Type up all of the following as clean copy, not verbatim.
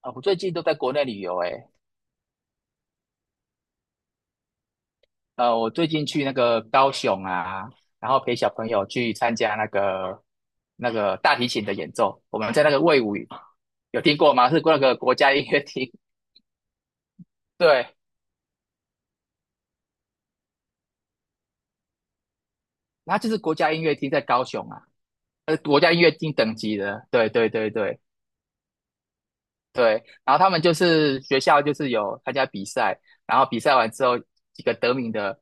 啊，我最近都在国内旅游诶。我最近去那个高雄啊，然后陪小朋友去参加那个大提琴的演奏，我们在那个魏武，有听过吗？是那个国家音乐厅。对。然就是国家音乐厅在高雄啊。国家音乐厅等级的，对对对对。对，然后他们就是学校就是有参加比赛，然后比赛完之后，几个得名的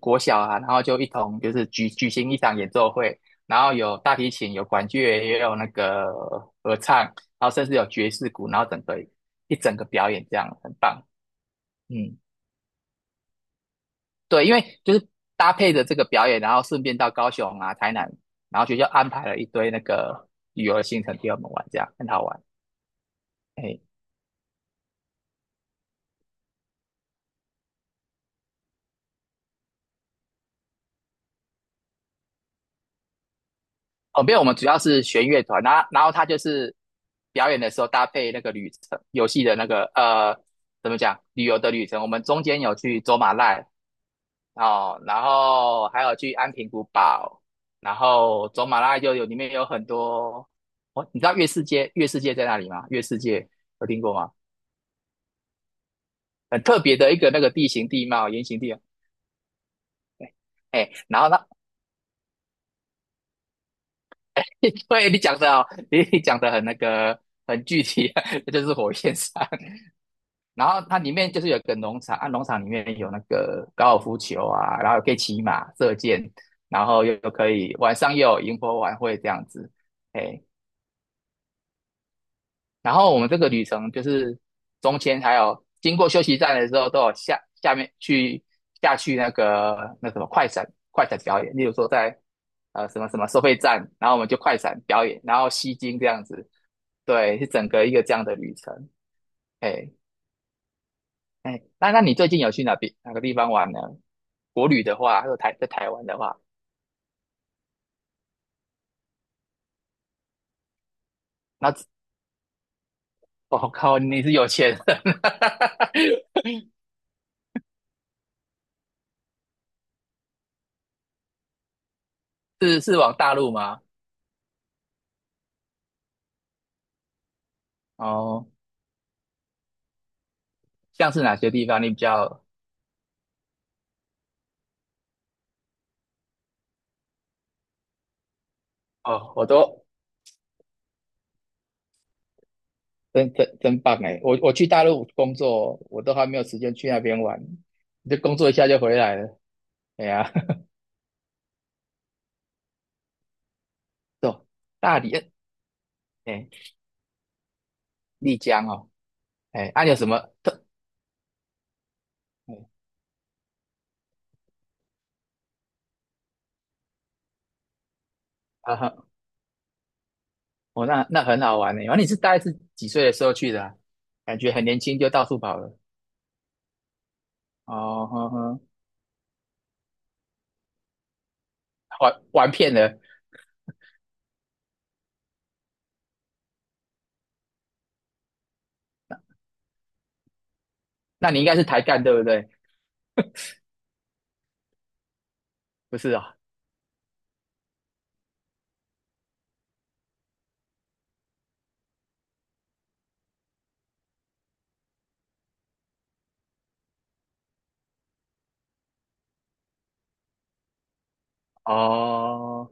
国小啊，然后就一同就是举行一场演奏会，然后有大提琴，有管乐，也有那个合唱，然后甚至有爵士鼓，然后一整个表演这样很棒。嗯。对，因为就是搭配着这个表演，然后顺便到高雄啊、台南，然后学校安排了一堆那个旅游的行程给我们玩，这样很好玩。哎。哦，没有，我们主要是弦乐团，然后他就是表演的时候搭配那个旅程，游戏的那个怎么讲，旅游的旅程。我们中间有去走马濑。哦，然后还有去安平古堡，然后走马濑就有里面有很多。哦，你知道月世界在哪里吗？月世界有听过吗？很特别的一个那个地形地貌，圆形地貌。哎，然后呢，对你讲的哦，你讲的很那个很具体。就是火焰山。然后它里面就是有一个农场，啊，农场里面有那个高尔夫球啊，然后可以骑马、射箭，然后又可以晚上又有萤火晚会这样子。哎，然后我们这个旅程就是中间还有经过休息站的时候，都有下去那什么快闪表演，例如说在什么什么收费站，然后我们就快闪表演，然后吸睛这样子。对，是整个一个这样的旅程。哎。哎，那你最近有去哪边哪个地方玩呢？国旅的话，还有在台湾的话，那哦靠，你是有钱人。是往大陆吗？哦，像是哪些地方你比较？哦，真棒哎！我去大陆工作，我都还没有时间去那边玩，就工作一下就回来了。哎呀。走大理。哎，丽江哦。哎，你有什么特？哎。啊哈。哦，那那很好玩呢。然后你是大概是几岁的时候去的啊，感觉很年轻就到处跑了。哦，呵呵。玩遍了。那你应该是台干对不对？不是啊。哦。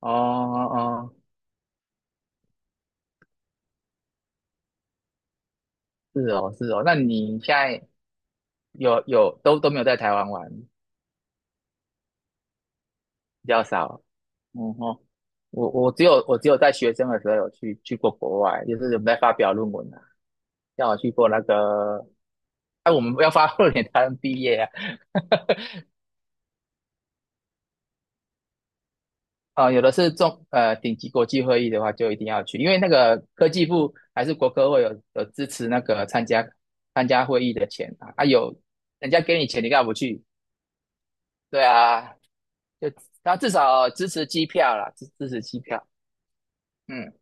哦哦哦，是哦是哦。那你现在有都没有在台湾玩，比较少。嗯哼。我只有在学生的时候有去过国外，就是我们在发表论文啊，像我去过那个，哎、我们要发 2年才能毕业啊。啊，有的是顶级国际会议的话，就一定要去，因为那个科技部还是国科会有支持那个参加会议的钱啊，啊有人家给你钱，你干嘛不去？对啊，就他至少支持机票啦，支持机票。嗯。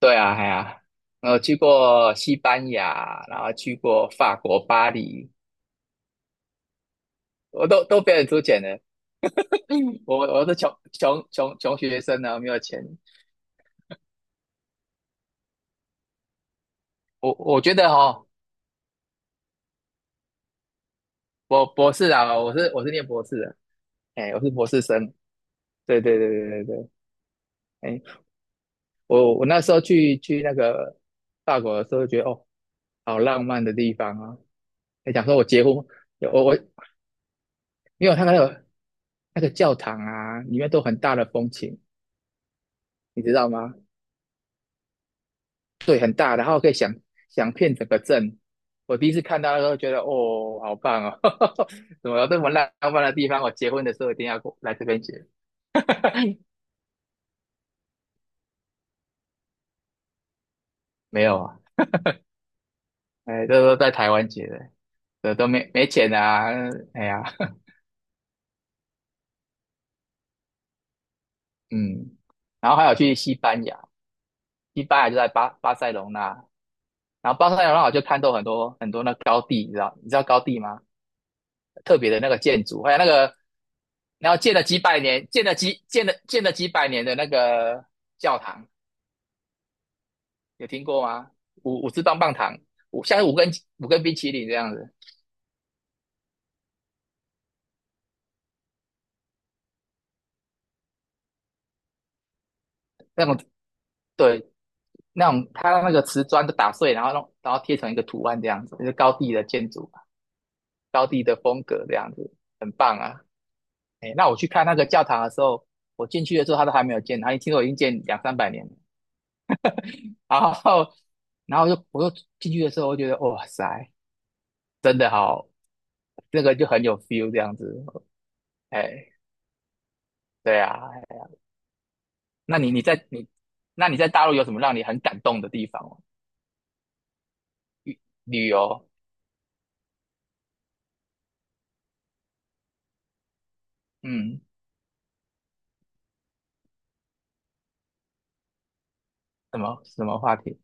对啊，哎呀、我去过西班牙，然后去过法国巴黎，我都被人出钱的。我是穷学生呢，没有钱。我我觉得哈、博士啊，我是念博士的。哎，我是博士生，对对对对对对。哎，我那时候去那个法国的时候，觉得哦，好浪漫的地方啊！哎，想说我结婚，我因为我看那个教堂啊，里面都很大的风琴，你知道吗？对，很大，然后可以想遍整个镇。我第一次看到的时候，觉得哦，好棒哦。怎么有这么浪漫的地方？我结婚的时候一定要过来这边结。没有啊。哎，这都在台湾结的，这都没钱啊。哎呀。嗯，然后还有去西班牙，西班牙就在巴塞隆纳，然后巴塞隆纳我就看到很多很多那高地，你知道高地吗？特别的那个建筑，还有那个然后建了几百年，建了几百年的那个教堂，有听过吗？五只棒棒糖，像是五根冰淇淋这样子，那种。对，那种它那个瓷砖都打碎，然后弄然后贴成一个图案这样子，就是高地的建筑，高地的风格这样子，很棒啊。哎，那我去看那个教堂的时候，我进去的时候它都还没有建，它听说已经建两三百年了。然后，然后，就我就进去的时候，我觉得哇塞，真的好，那个就很有 feel 这样子。哎。对啊，那你你在你那你在大陆有什么让你很感动的地方吗，旅游？嗯，什么什么话题？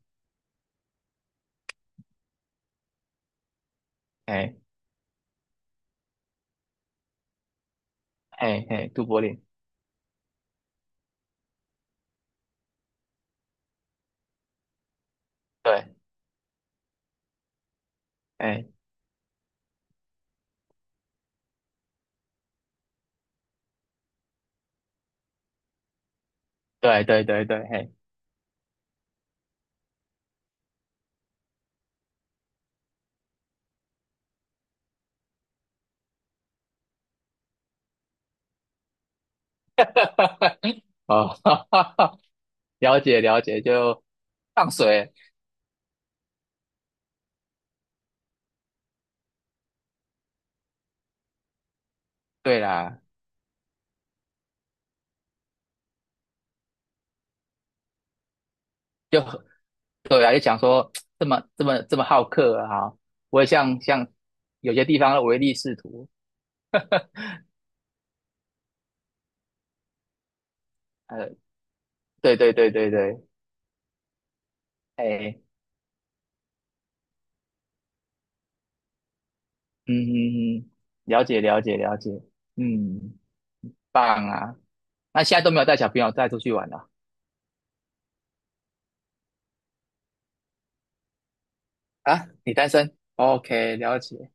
哎哎哎。都柏林。对。哎，对对对对。嘿。哦。了解了解，就放水，对啦。就对啊，就想说这么这么这么好客啊，不会像有些地方的唯利是图。呃，对对对对对。哎。嗯嗯嗯。了解了解了解。嗯。棒啊！那现在都没有带小朋友带出去玩了啊？你单身？OK，了解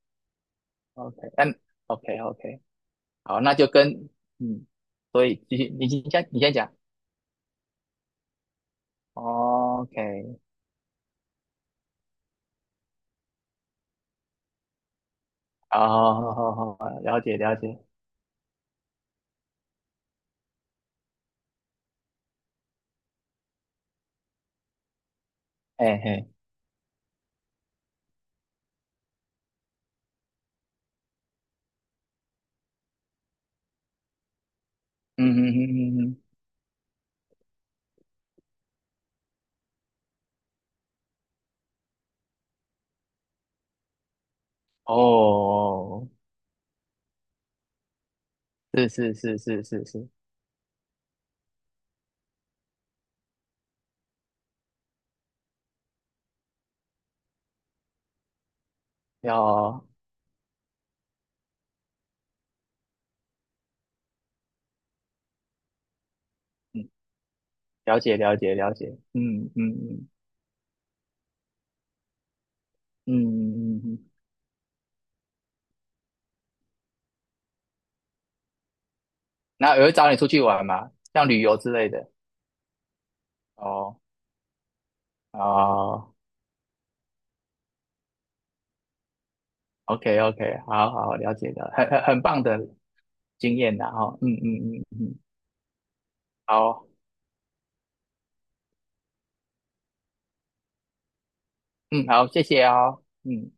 ，OK。嗯。OK OK。好，那就跟。嗯，所以继续，你先讲，OK。好好好好，好了解了解。哎嘿。嗯嗯嗯嗯嗯。哦。哦哦。是是是是是是。要。嗯。了解了解了解。嗯嗯嗯嗯嗯嗯。嗯，那有人找你出去玩吗？像旅游之类的？哦。哦，OK OK，好好了解的，很棒的经验的哈。哦。嗯嗯嗯嗯。好。嗯好，谢谢哦。嗯。